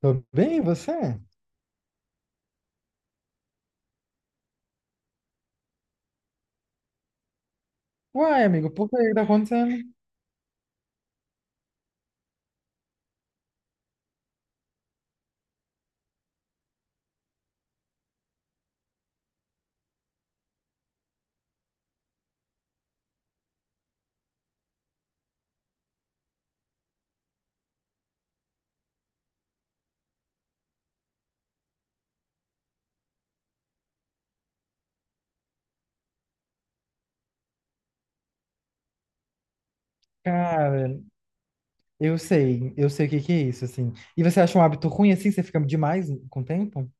Tô bem, e você? Uai, amigo, por que que tá acontecendo? Cara, eu sei o que que é isso, assim. E você acha um hábito ruim assim? Você fica demais com o tempo?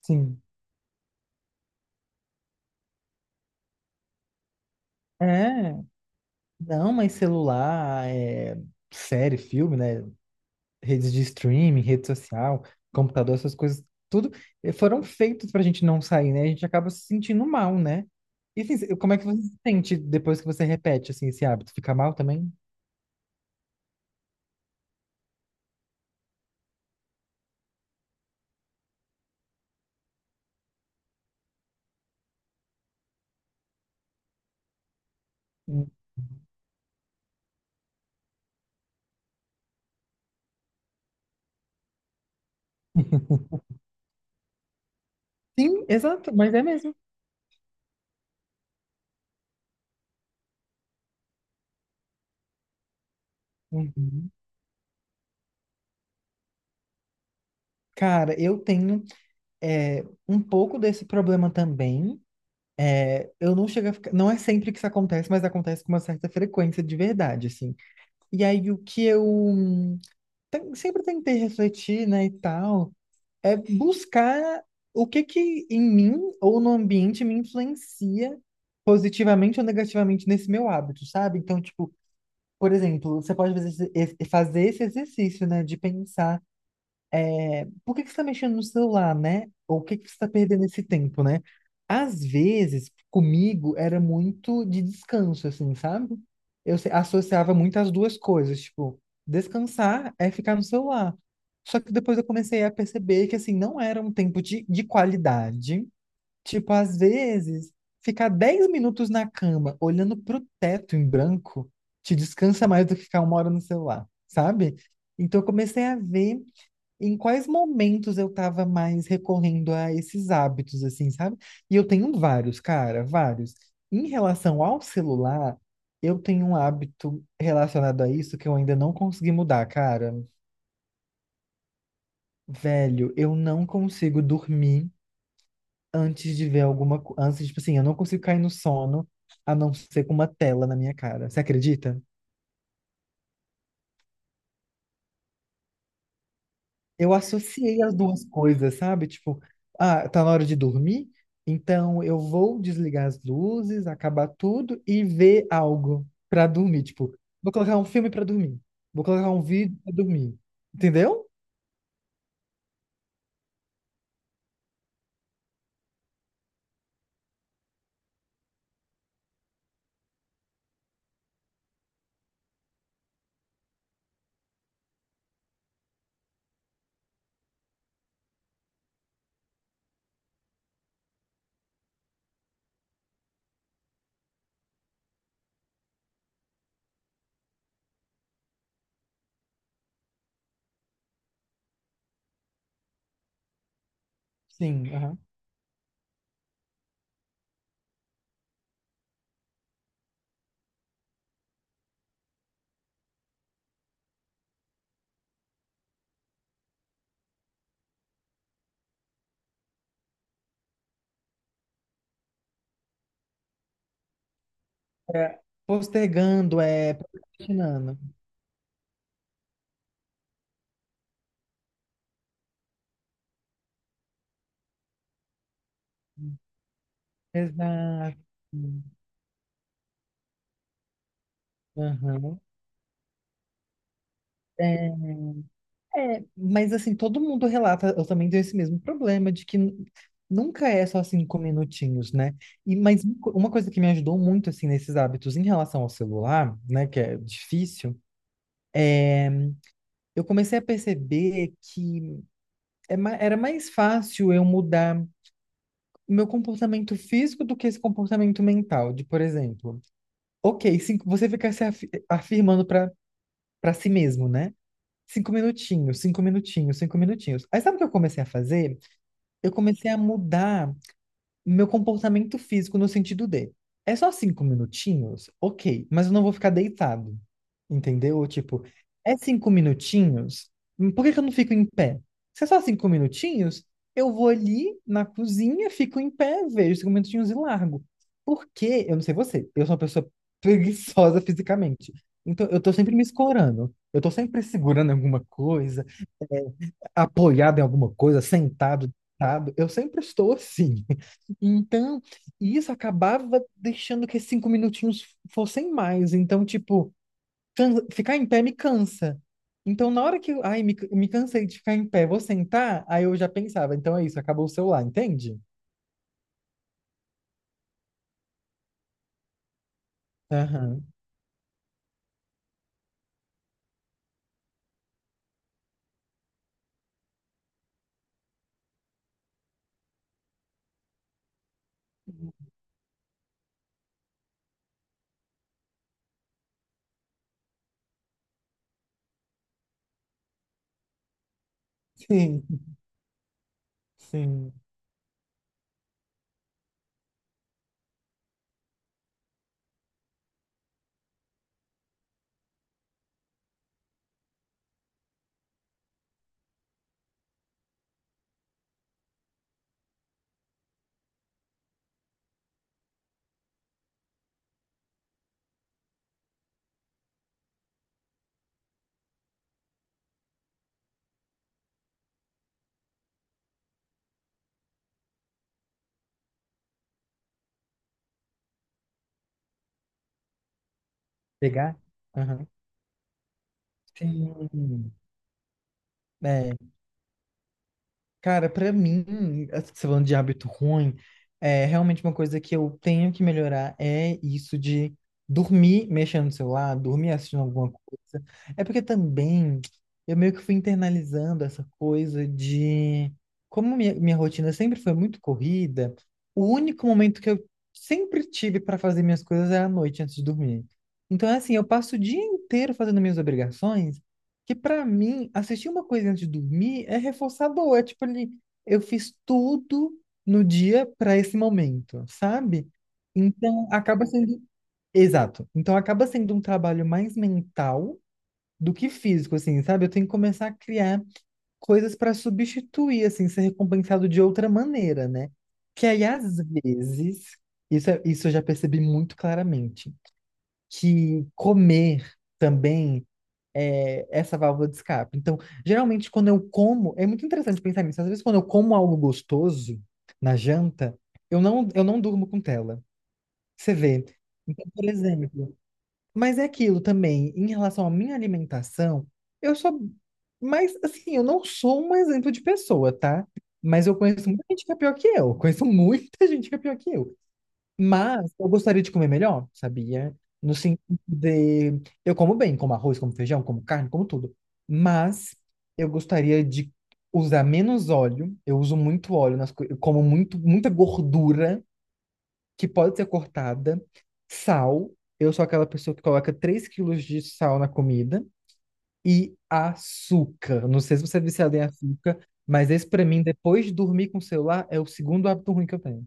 Sim. É, não, mas celular, é, série, filme, né? Redes de streaming, rede social, computador, essas coisas, tudo foram feitos pra gente não sair, né? A gente acaba se sentindo mal, né? E assim, como é que você se sente depois que você repete, assim, esse hábito? Fica mal também? Sim, exato, mas é mesmo. Uhum. Cara, eu tenho um pouco desse problema também. É, eu não chego a ficar. Não é sempre que isso acontece, mas acontece com uma certa frequência de verdade, assim. E aí o que eu sempre tentei refletir, né, e tal. É buscar o que que em mim ou no ambiente me influencia positivamente ou negativamente nesse meu hábito, sabe? Então, tipo, por exemplo, você pode fazer fazer esse exercício, né, de pensar por que que você está mexendo no celular, né? Ou o que que você está perdendo esse tempo, né? Às vezes, comigo, era muito de descanso, assim, sabe? Eu associava muito as duas coisas, tipo, descansar é ficar no celular. Só que depois eu comecei a perceber que, assim, não era um tempo de qualidade. Tipo, às vezes, ficar 10 minutos na cama, olhando pro teto em branco, te descansa mais do que ficar uma hora no celular, sabe? Então, eu comecei a ver em quais momentos eu estava mais recorrendo a esses hábitos, assim, sabe? E eu tenho vários, cara, vários. Em relação ao celular, eu tenho um hábito relacionado a isso que eu ainda não consegui mudar, cara. Velho, eu não consigo dormir antes de ver alguma coisa. Antes, tipo assim, eu não consigo cair no sono a não ser com uma tela na minha cara. Você acredita? Eu associei as duas coisas, sabe? Tipo, ah, tá na hora de dormir, então eu vou desligar as luzes, acabar tudo e ver algo pra dormir. Tipo, vou colocar um filme pra dormir, vou colocar um vídeo pra dormir, entendeu? Sim, aham. É, postergando, é, procrastinando. Exato. Aham. É. É, mas assim, todo mundo relata, eu também tenho esse mesmo problema de que nunca é só 5 minutinhos, né? E, mas uma coisa que me ajudou muito, assim, nesses hábitos em relação ao celular, né, que é difícil, eu comecei a perceber que é era mais fácil eu mudar o meu comportamento físico do que esse comportamento mental, de, por exemplo, ok, cinco, você fica se afi- afirmando para si mesmo, né? Cinco minutinhos, 5 minutinhos, 5 minutinhos. Aí sabe o que eu comecei a fazer? Eu comecei a mudar o meu comportamento físico no sentido de, é só 5 minutinhos? Ok, mas eu não vou ficar deitado, entendeu? Tipo, é 5 minutinhos? Por que que eu não fico em pé? Se é só 5 minutinhos, eu vou ali na cozinha, fico em pé, vejo 5 minutinhos e largo. Porque, eu não sei você, eu sou uma pessoa preguiçosa fisicamente. Então, eu tô sempre me escorando. Eu tô sempre segurando alguma coisa apoiado em alguma coisa, sentado, deitado, eu sempre estou assim. Então, isso acabava deixando que esses 5 minutinhos fossem mais. Então, tipo, ficar em pé me cansa. Então, na hora que, ai, me cansei de ficar em pé, vou sentar, aí eu já pensava, então é isso, acabou o celular, entende? Aham. Sim, sim. Pegar? Aham. Sim. É. Cara, pra mim, assim, você falando de hábito ruim, é realmente uma coisa que eu tenho que melhorar é isso de dormir mexendo no celular, dormir assistindo alguma coisa. É porque também eu meio que fui internalizando essa coisa de como minha rotina sempre foi muito corrida, o único momento que eu sempre tive para fazer minhas coisas era à noite antes de dormir. Então, é assim, eu passo o dia inteiro fazendo minhas obrigações que pra mim, assistir uma coisa antes de dormir é reforçador. É tipo ali, eu fiz tudo no dia pra esse momento, sabe? Então acaba sendo. Exato. Então acaba sendo um trabalho mais mental do que físico, assim, sabe? Eu tenho que começar a criar coisas pra substituir, assim, ser recompensado de outra maneira, né? Que aí, às vezes, isso, isso eu já percebi muito claramente, que comer também é, essa válvula de escape. Então, geralmente, quando eu como, é muito interessante pensar nisso. Às vezes, quando eu como algo gostoso na janta, eu não durmo com tela. Você vê. Então, por exemplo. Mas é aquilo também, em relação à minha alimentação, eu sou. Mas, assim, eu não sou um exemplo de pessoa, tá? Mas eu conheço muita gente que é pior que eu. Conheço muita gente que é pior que eu. Mas eu gostaria de comer melhor, sabia? No sentido de. Eu como bem, como arroz, como feijão, como carne, como tudo. Mas eu gostaria de usar menos óleo. Eu uso muito óleo nas coisas. Eu como muito, muita gordura que pode ser cortada. Sal. Eu sou aquela pessoa que coloca 3 quilos de sal na comida. E açúcar. Não sei se você é viciado em açúcar, mas esse pra mim, depois de dormir com o celular, é o segundo hábito ruim que eu tenho.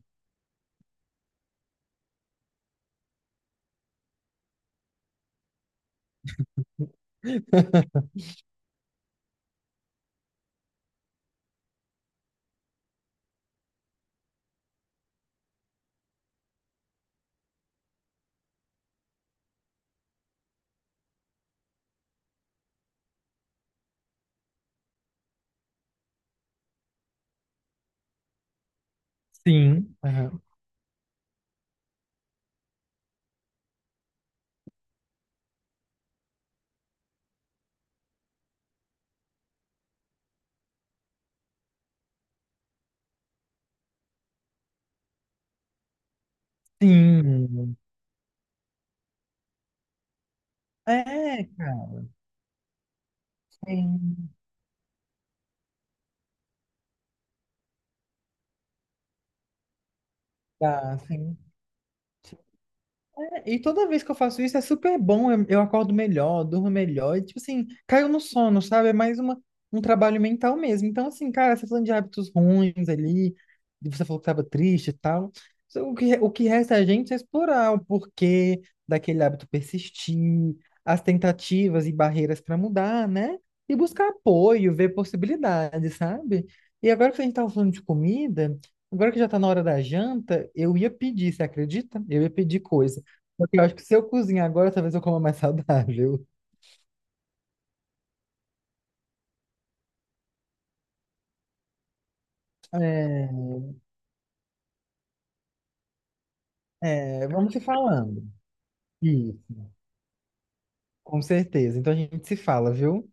Sim. Aham. Sim. É, cara. Sim, dá, sim. E toda vez que eu faço isso é super bom, eu acordo melhor, durmo melhor, e tipo assim, caiu no sono, sabe? É mais uma, um trabalho mental mesmo. Então, assim, cara, você tá falando de hábitos ruins ali, e você falou que tava triste e tal. O que resta a gente é explorar o porquê daquele hábito persistir, as tentativas e barreiras para mudar, né? E buscar apoio, ver possibilidades, sabe? E agora que a gente tava falando de comida, agora que já tá na hora da janta, eu ia pedir, você acredita? Eu ia pedir coisa. Porque eu acho que se eu cozinhar agora, talvez eu coma mais saudável. É, é, vamos se falando. Isso, com certeza. Então a gente se fala, viu?